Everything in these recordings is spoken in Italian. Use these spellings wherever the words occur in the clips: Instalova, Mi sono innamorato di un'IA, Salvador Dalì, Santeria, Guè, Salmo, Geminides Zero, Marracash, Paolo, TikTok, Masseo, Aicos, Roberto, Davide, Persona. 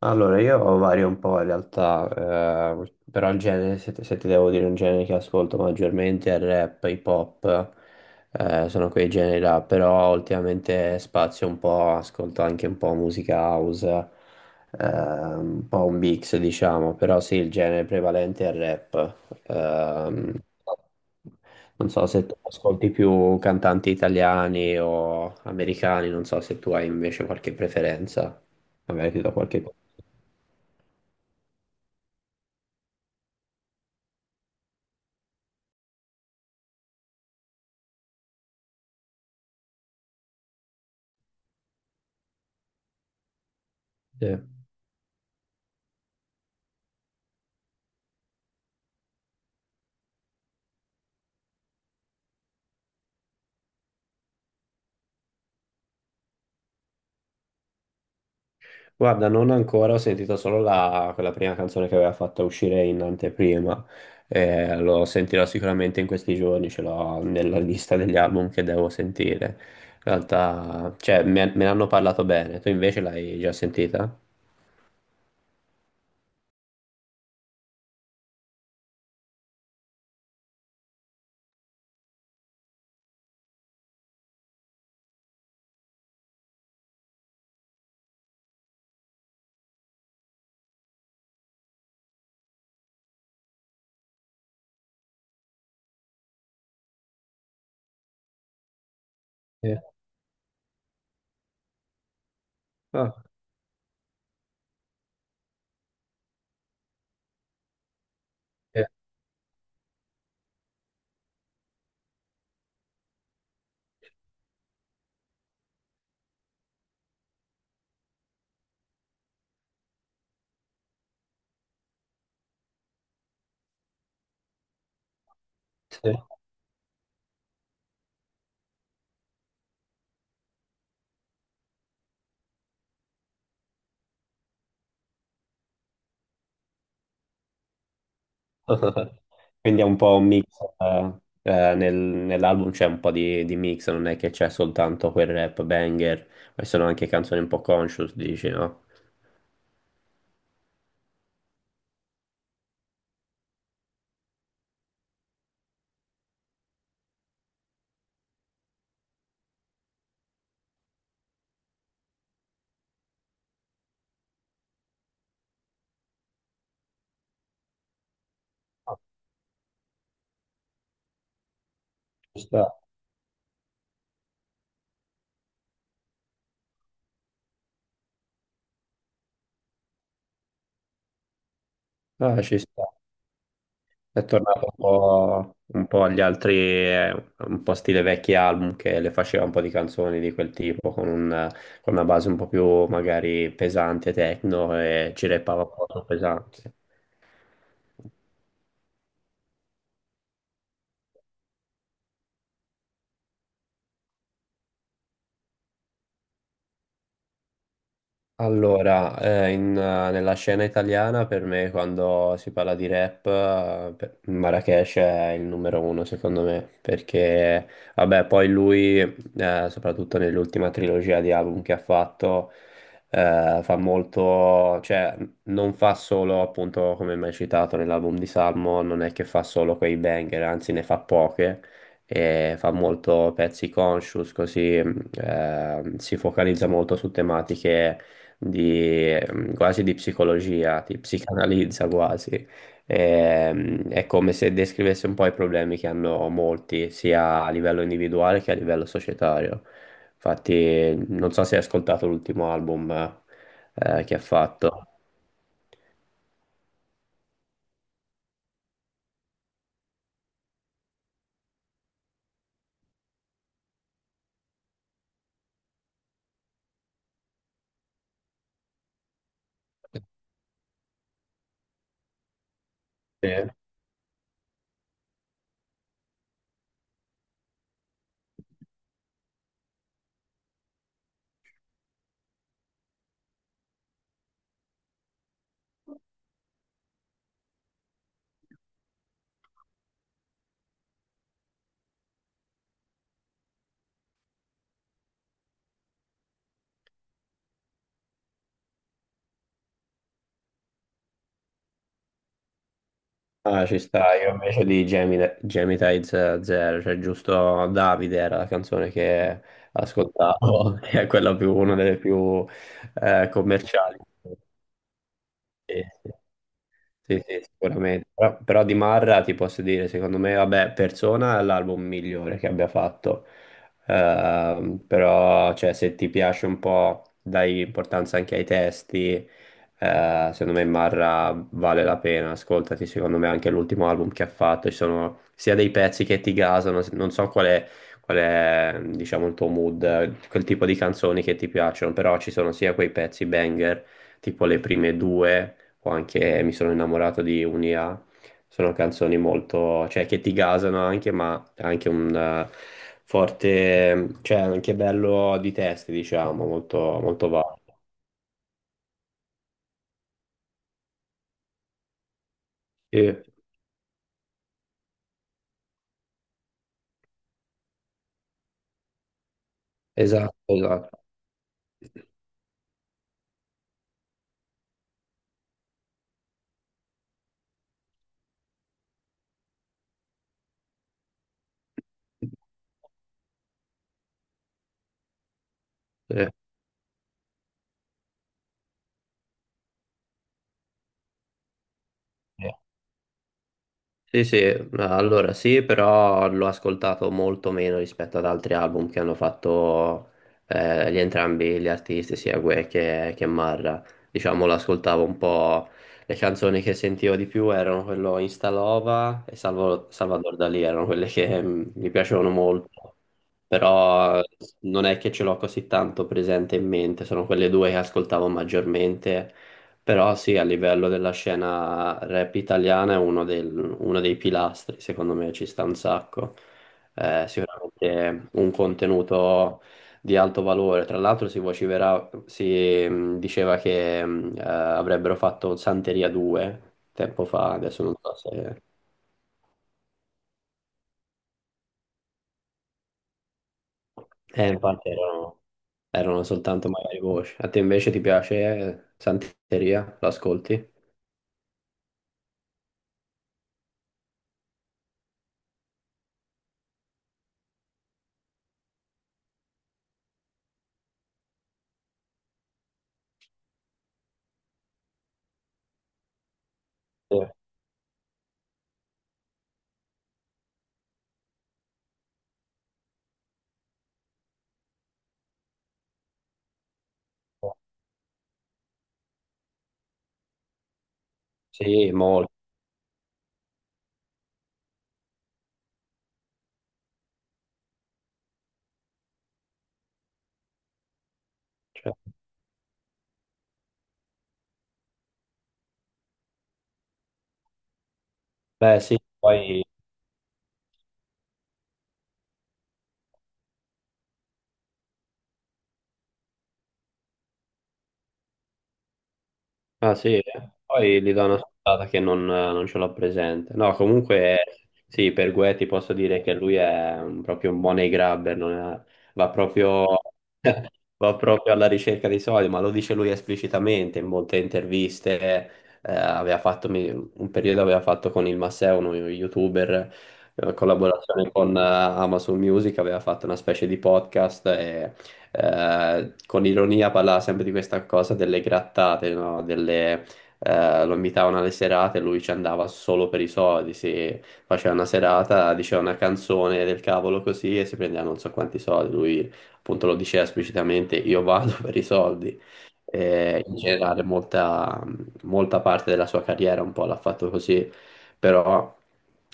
Allora, io vario un po' in realtà, però il genere, se ti devo dire un genere che ascolto maggiormente è il rap, hip hop, sono quei generi là, però ultimamente spazio un po', ascolto anche un po' musica house, un po' un mix diciamo, però sì, il genere prevalente è il rap. Ehm, Non so se tu ascolti più cantanti italiani o americani, non so se tu hai invece qualche preferenza, magari ti do qualche consiglio. Sì. Guarda, non ancora, ho sentito solo quella prima canzone che aveva fatto uscire in anteprima. Lo sentirò sicuramente in questi giorni, ce l'ho nella lista degli album che devo sentire. In realtà, cioè, me ne hanno parlato bene, tu invece l'hai già sentita? Sì. Ah, sì, sì. Quindi è un po' un mix, eh, nell'album c'è un po' di mix, non è che c'è soltanto quel rap banger, ma ci sono anche canzoni un po' conscious, dici, no? Ah, ci sta. Ah, ci sta. È tornato un po' agli altri, un po' stile vecchi album che le faceva un po' di canzoni di quel tipo, con una base un po' più magari pesante, techno, e ci rappava un po' troppo pesante. Allora, nella scena italiana per me quando si parla di rap, Marracash è il numero uno secondo me, perché vabbè poi lui, soprattutto nell'ultima trilogia di album che ha fatto, fa molto, cioè non fa solo appunto come mai citato nell'album di Salmo, non è che fa solo quei banger, anzi ne fa poche e fa molto pezzi conscious, così si focalizza molto su tematiche di, quasi di psicologia, ti psicanalizza quasi. È come se descrivesse un po' i problemi che hanno molti, sia a livello individuale che a livello societario. Infatti, non so se hai ascoltato l'ultimo album che ha fatto. Sì. Ah, ci sta, io invece di Geminides Zero, cioè giusto Davide era la canzone che ascoltavo, che è quella più, una delle più commerciali. Sì, sì. Sì, sì, sicuramente. Però di Marra ti posso dire, secondo me, vabbè, Persona è l'album migliore che abbia fatto. Però, cioè, se ti piace un po', dai importanza anche ai testi, secondo me Marra vale la pena. Ascoltati, secondo me, anche l'ultimo album che ha fatto. Ci sono sia dei pezzi che ti gasano, non so qual è, diciamo, il tuo mood, quel tipo di canzoni che ti piacciono, però ci sono sia quei pezzi banger, tipo le prime due o anche Mi sono innamorato di un'IA, sono canzoni molto, cioè che ti gasano anche, ma anche un forte, cioè anche bello di testi, diciamo, molto, molto valido. Sì, esatto, esatto. Sì, sì. Sì, sì, allora sì, però l'ho ascoltato molto meno rispetto ad altri album che hanno fatto, gli entrambi gli artisti, sia Guè che Marra. Diciamo, l'ascoltavo un po'. Le canzoni che sentivo di più erano quello Instalova e Salvador Dalì, erano quelle che mm, mi piacevano molto. Però non è che ce l'ho così tanto presente in mente, sono quelle due che ascoltavo maggiormente, però sì, a livello della scena rap italiana è uno dei pilastri, secondo me ci sta un sacco. Sicuramente un contenuto di alto valore. Tra l'altro si diceva che avrebbero fatto Santeria 2 tempo fa, adesso non so se... Eh, infatti erano, erano soltanto magari voci. A te invece ti piace Santeria? L'ascolti? Sì, sì, molto. Cioè, beh sì, poi... Ah sì, eh? Poi gli do una scontata che non ce l'ho presente. No, comunque sì, per Guè ti posso dire che lui è proprio un money grabber, non è- va proprio, va proprio alla ricerca dei soldi, ma lo dice lui esplicitamente in molte interviste. Aveva fatto, un periodo aveva fatto con il Masseo, uno youtuber, collaborazione con Amazon Music, aveva fatto una specie di podcast con ironia parlava sempre di questa cosa delle grattate, no? Delle, lo invitavano alle serate, lui ci andava solo per i soldi, si faceva una serata, diceva una canzone del cavolo così e si prendeva non so quanti soldi, lui appunto lo diceva esplicitamente, io vado per i soldi. In generale molta parte della sua carriera un po' l'ha fatto così, però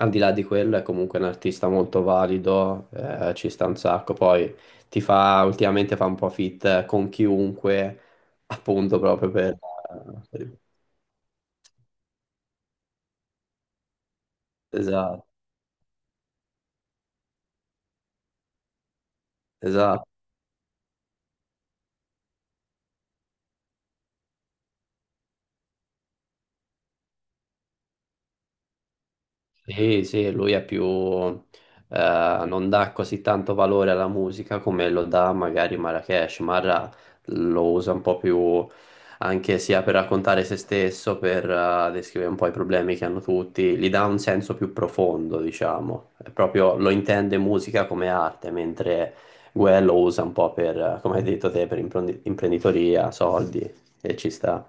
al di là di quello è comunque un artista molto valido, ci sta un sacco, poi ti fa ultimamente fa un po' fit con chiunque, appunto, proprio per- Esatto, esatto. Sì, sì, lui è più, non dà così tanto valore alla musica come lo dà magari Marrakesh. Marra lo usa un po' più anche sia per raccontare se stesso, per descrivere un po' i problemi che hanno tutti, gli dà un senso più profondo, diciamo. È proprio lo intende musica come arte, mentre Guè lo usa un po' per, come hai detto te, per imprenditoria, soldi, e ci sta.